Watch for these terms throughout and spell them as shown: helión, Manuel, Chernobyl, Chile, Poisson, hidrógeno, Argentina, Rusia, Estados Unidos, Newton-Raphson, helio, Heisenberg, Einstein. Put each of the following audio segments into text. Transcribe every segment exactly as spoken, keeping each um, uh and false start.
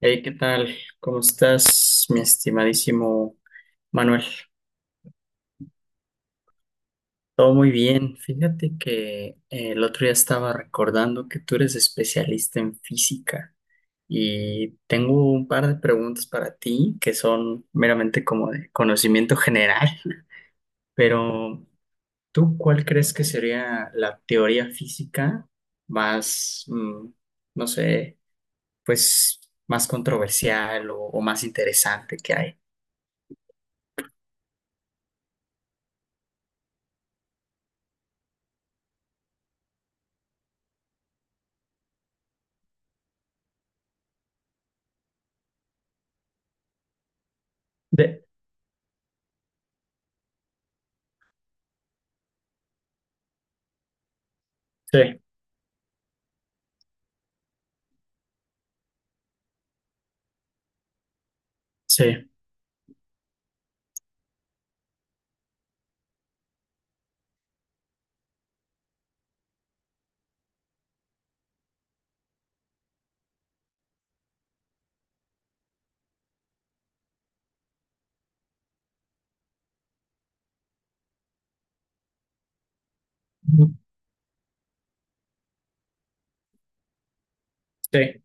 Hey, ¿qué tal? ¿Cómo estás, mi estimadísimo Manuel? Todo muy bien. Fíjate que eh, el otro día estaba recordando que tú eres especialista en física y tengo un par de preguntas para ti que son meramente como de conocimiento general, pero ¿tú cuál crees que sería la teoría física más, mm, no sé, pues más controversial o, o más interesante que hay? De- sí. Sí, sí,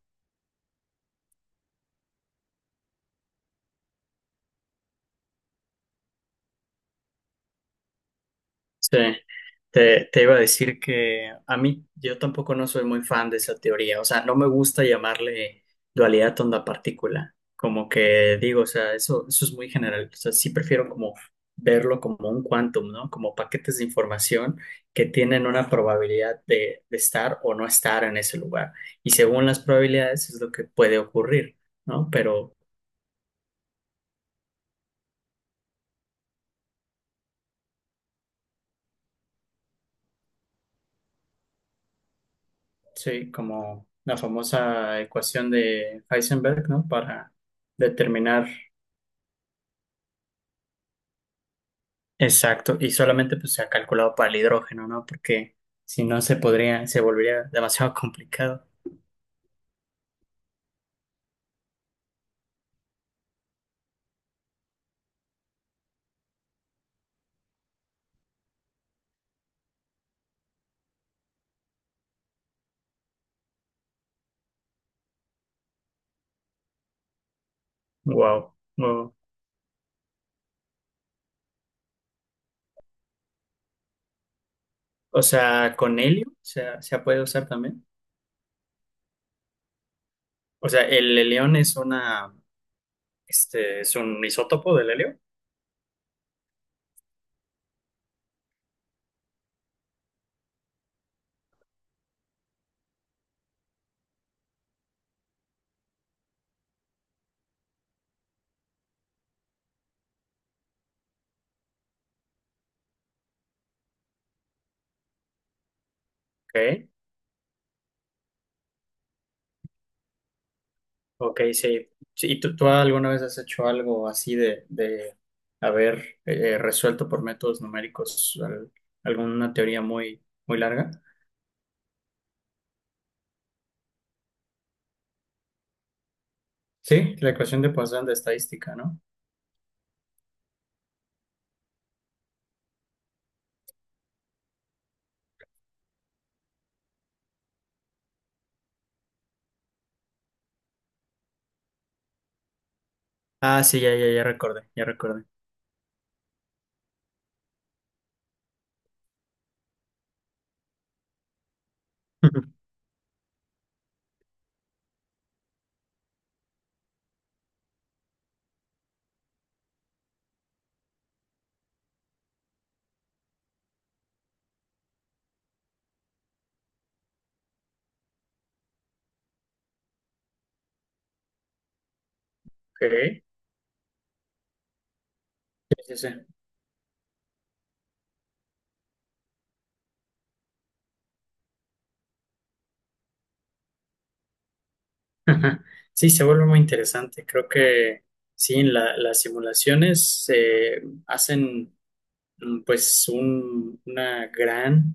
sí. Te, te iba a decir que a mí, yo tampoco no soy muy fan de esa teoría. O sea, no me gusta llamarle dualidad onda-partícula, como que digo. O sea, eso, eso es muy general. O sea, sí prefiero como verlo como un quantum, ¿no? Como paquetes de información que tienen una probabilidad de, de estar o no estar en ese lugar, y según las probabilidades es lo que puede ocurrir, ¿no? Pero sí, como la famosa ecuación de Heisenberg, ¿no? Para determinar exacto. Y solamente pues se ha calculado para el hidrógeno, ¿no? Porque si no se podría, se volvería demasiado complicado. Wow, wow. O sea, con helio se, ha- se ha podido usar también. O sea, el helión es una, este, es un isótopo del helio. ¿Ok? Ok, sí. Sí, ¿y tú, tú alguna vez has hecho algo así de, de haber eh, resuelto por métodos numéricos al- alguna teoría muy, muy larga? Sí, la ecuación de Poisson de estadística, ¿no? Ah, sí, ya, ya, ya recordé, ya recordé. Okay. Sí, sí, sí. Sí, se vuelve muy interesante. Creo que sí, en la- las simulaciones eh, hacen mm, pues un- una gran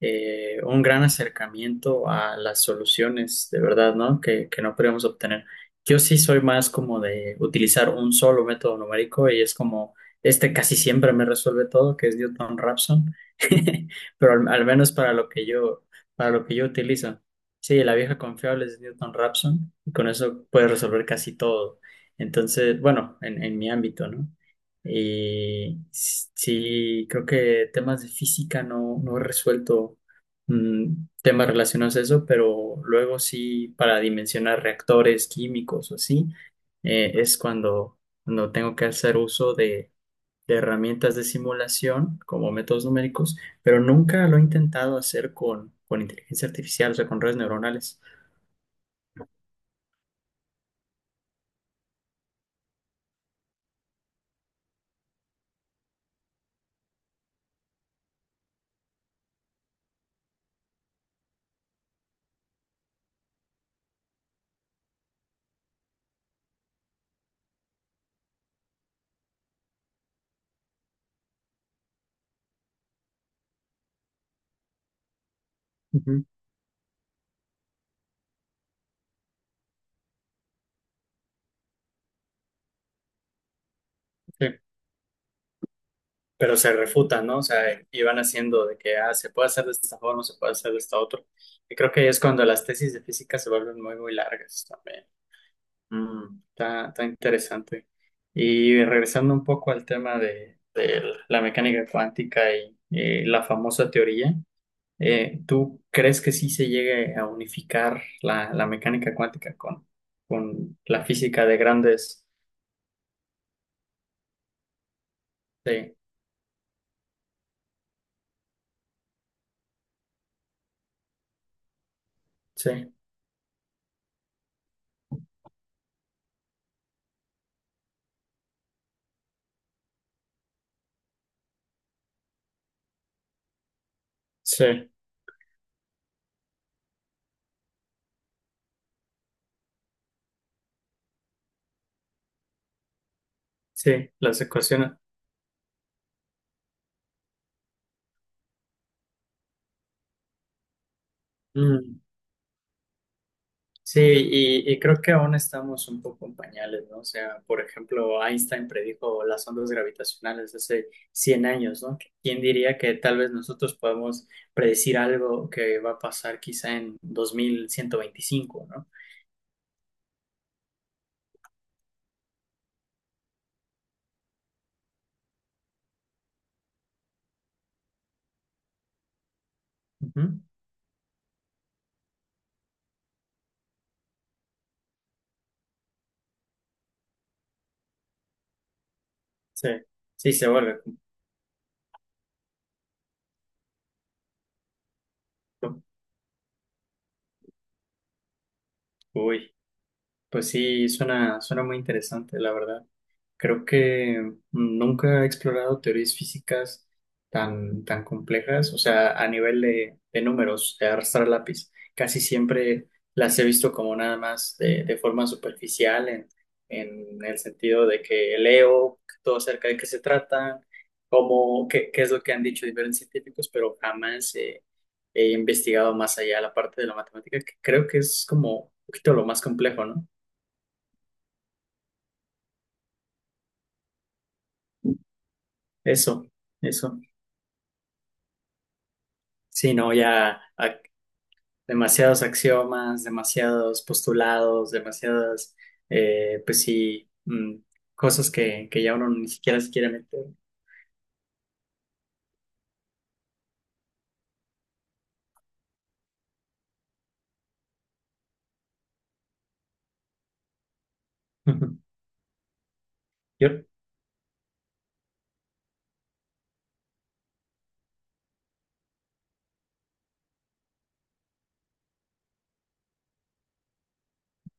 eh, un gran acercamiento a las soluciones de verdad, ¿no? Que, que no podríamos obtener. Yo sí soy más como de utilizar un solo método numérico y es como, este casi siempre me resuelve todo, que es Newton-Raphson, pero al, al menos para lo que yo, para lo que yo utilizo. Sí, la vieja confiable es Newton-Raphson y con eso puedes resolver casi todo. Entonces, bueno, en, en mi ámbito, ¿no? Y sí, creo que temas de física no, no he resuelto mm, temas relacionados a eso, pero luego sí, para dimensionar reactores químicos o así, eh, es cuando, cuando tengo que hacer uso de, de herramientas de simulación como métodos numéricos, pero nunca lo he intentado hacer con, con inteligencia artificial. O sea, con redes neuronales. Ujú, sí. Pero se refutan, ¿no? O sea, y van haciendo de que, ah, se puede hacer de esta forma, se puede hacer de esta otra. Y creo que ahí es cuando las tesis de física se vuelven muy, muy largas también. Mm, está, está interesante. Y regresando un poco al tema de, de la mecánica cuántica y, eh, la famosa teoría, eh, ¿tú crees que sí se llegue a unificar la, la mecánica cuántica con, con la física de grandes? Sí, sí, sí, sí, las ecuaciones. Sí, y, y creo que aún estamos un poco en pañales, ¿no? O sea, por ejemplo, Einstein predijo las ondas gravitacionales hace cien años, ¿no? ¿Quién diría que tal vez nosotros podemos predecir algo que va a pasar quizá en dos mil ciento veinticinco, ¿no? Ujú. Sí, sí, se vuelve. ¿No? Uy, pues sí, suena, suena muy interesante, la verdad. Creo que nunca he explorado teorías físicas tan, tan complejas. O sea, a nivel de, de números, de arrastrar lápiz. Casi siempre las he visto como nada más de, de forma superficial, en, en el sentido de que leo todo acerca de qué se tratan, cómo, qué, qué es lo que han dicho diferentes científicos, pero jamás he, he investigado más allá la parte de la matemática, que creo que es como un poquito lo más complejo, ¿no? Eso, eso. Sí, no, ya. A- demasiados axiomas, demasiados postulados, demasiadas, eh, pues sí, mm, cosas que, que ya uno ni siquiera se quiere meter. Yo,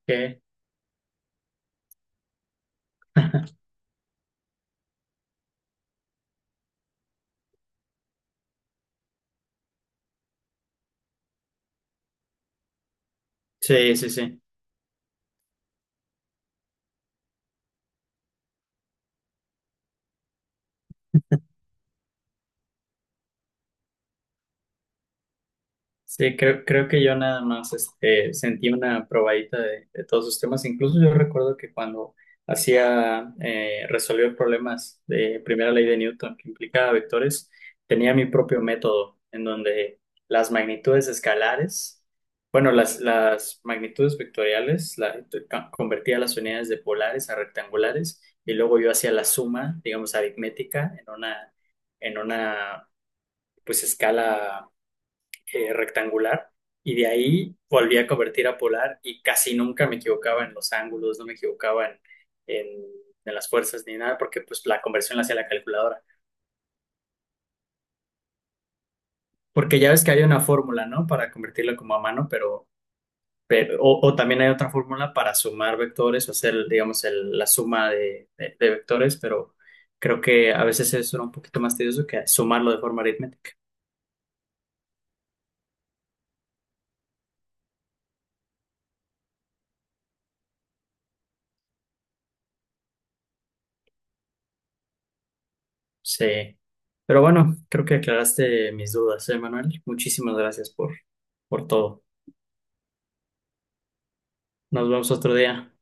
¿qué? Sí, sí, sí. Sí, creo, creo que yo nada más este, sentí una probadita de, de todos sus temas. Incluso yo recuerdo que cuando hacía, eh, resolvió problemas de primera ley de Newton que implicaba vectores, tenía mi propio método en donde las magnitudes escalares, bueno, las, las magnitudes vectoriales, la, ca- convertía las unidades de polares a rectangulares y luego yo hacía la suma, digamos, aritmética en una, en una pues escala eh, rectangular y de ahí volví a convertir a polar y casi nunca me equivocaba en los ángulos, no me equivocaba en, en- en las fuerzas ni nada porque pues la conversión la hacía la calculadora. Porque ya ves que hay una fórmula, ¿no? Para convertirla como a mano, pero, pero o, o también hay otra fórmula para sumar vectores o hacer, digamos, el- la suma de, de de vectores, pero creo que a veces eso era un poquito más tedioso que sumarlo de forma aritmética. Sí, pero bueno, creo que aclaraste mis dudas, ¿eh, Manuel? Muchísimas gracias por, por todo. Nos vemos otro día.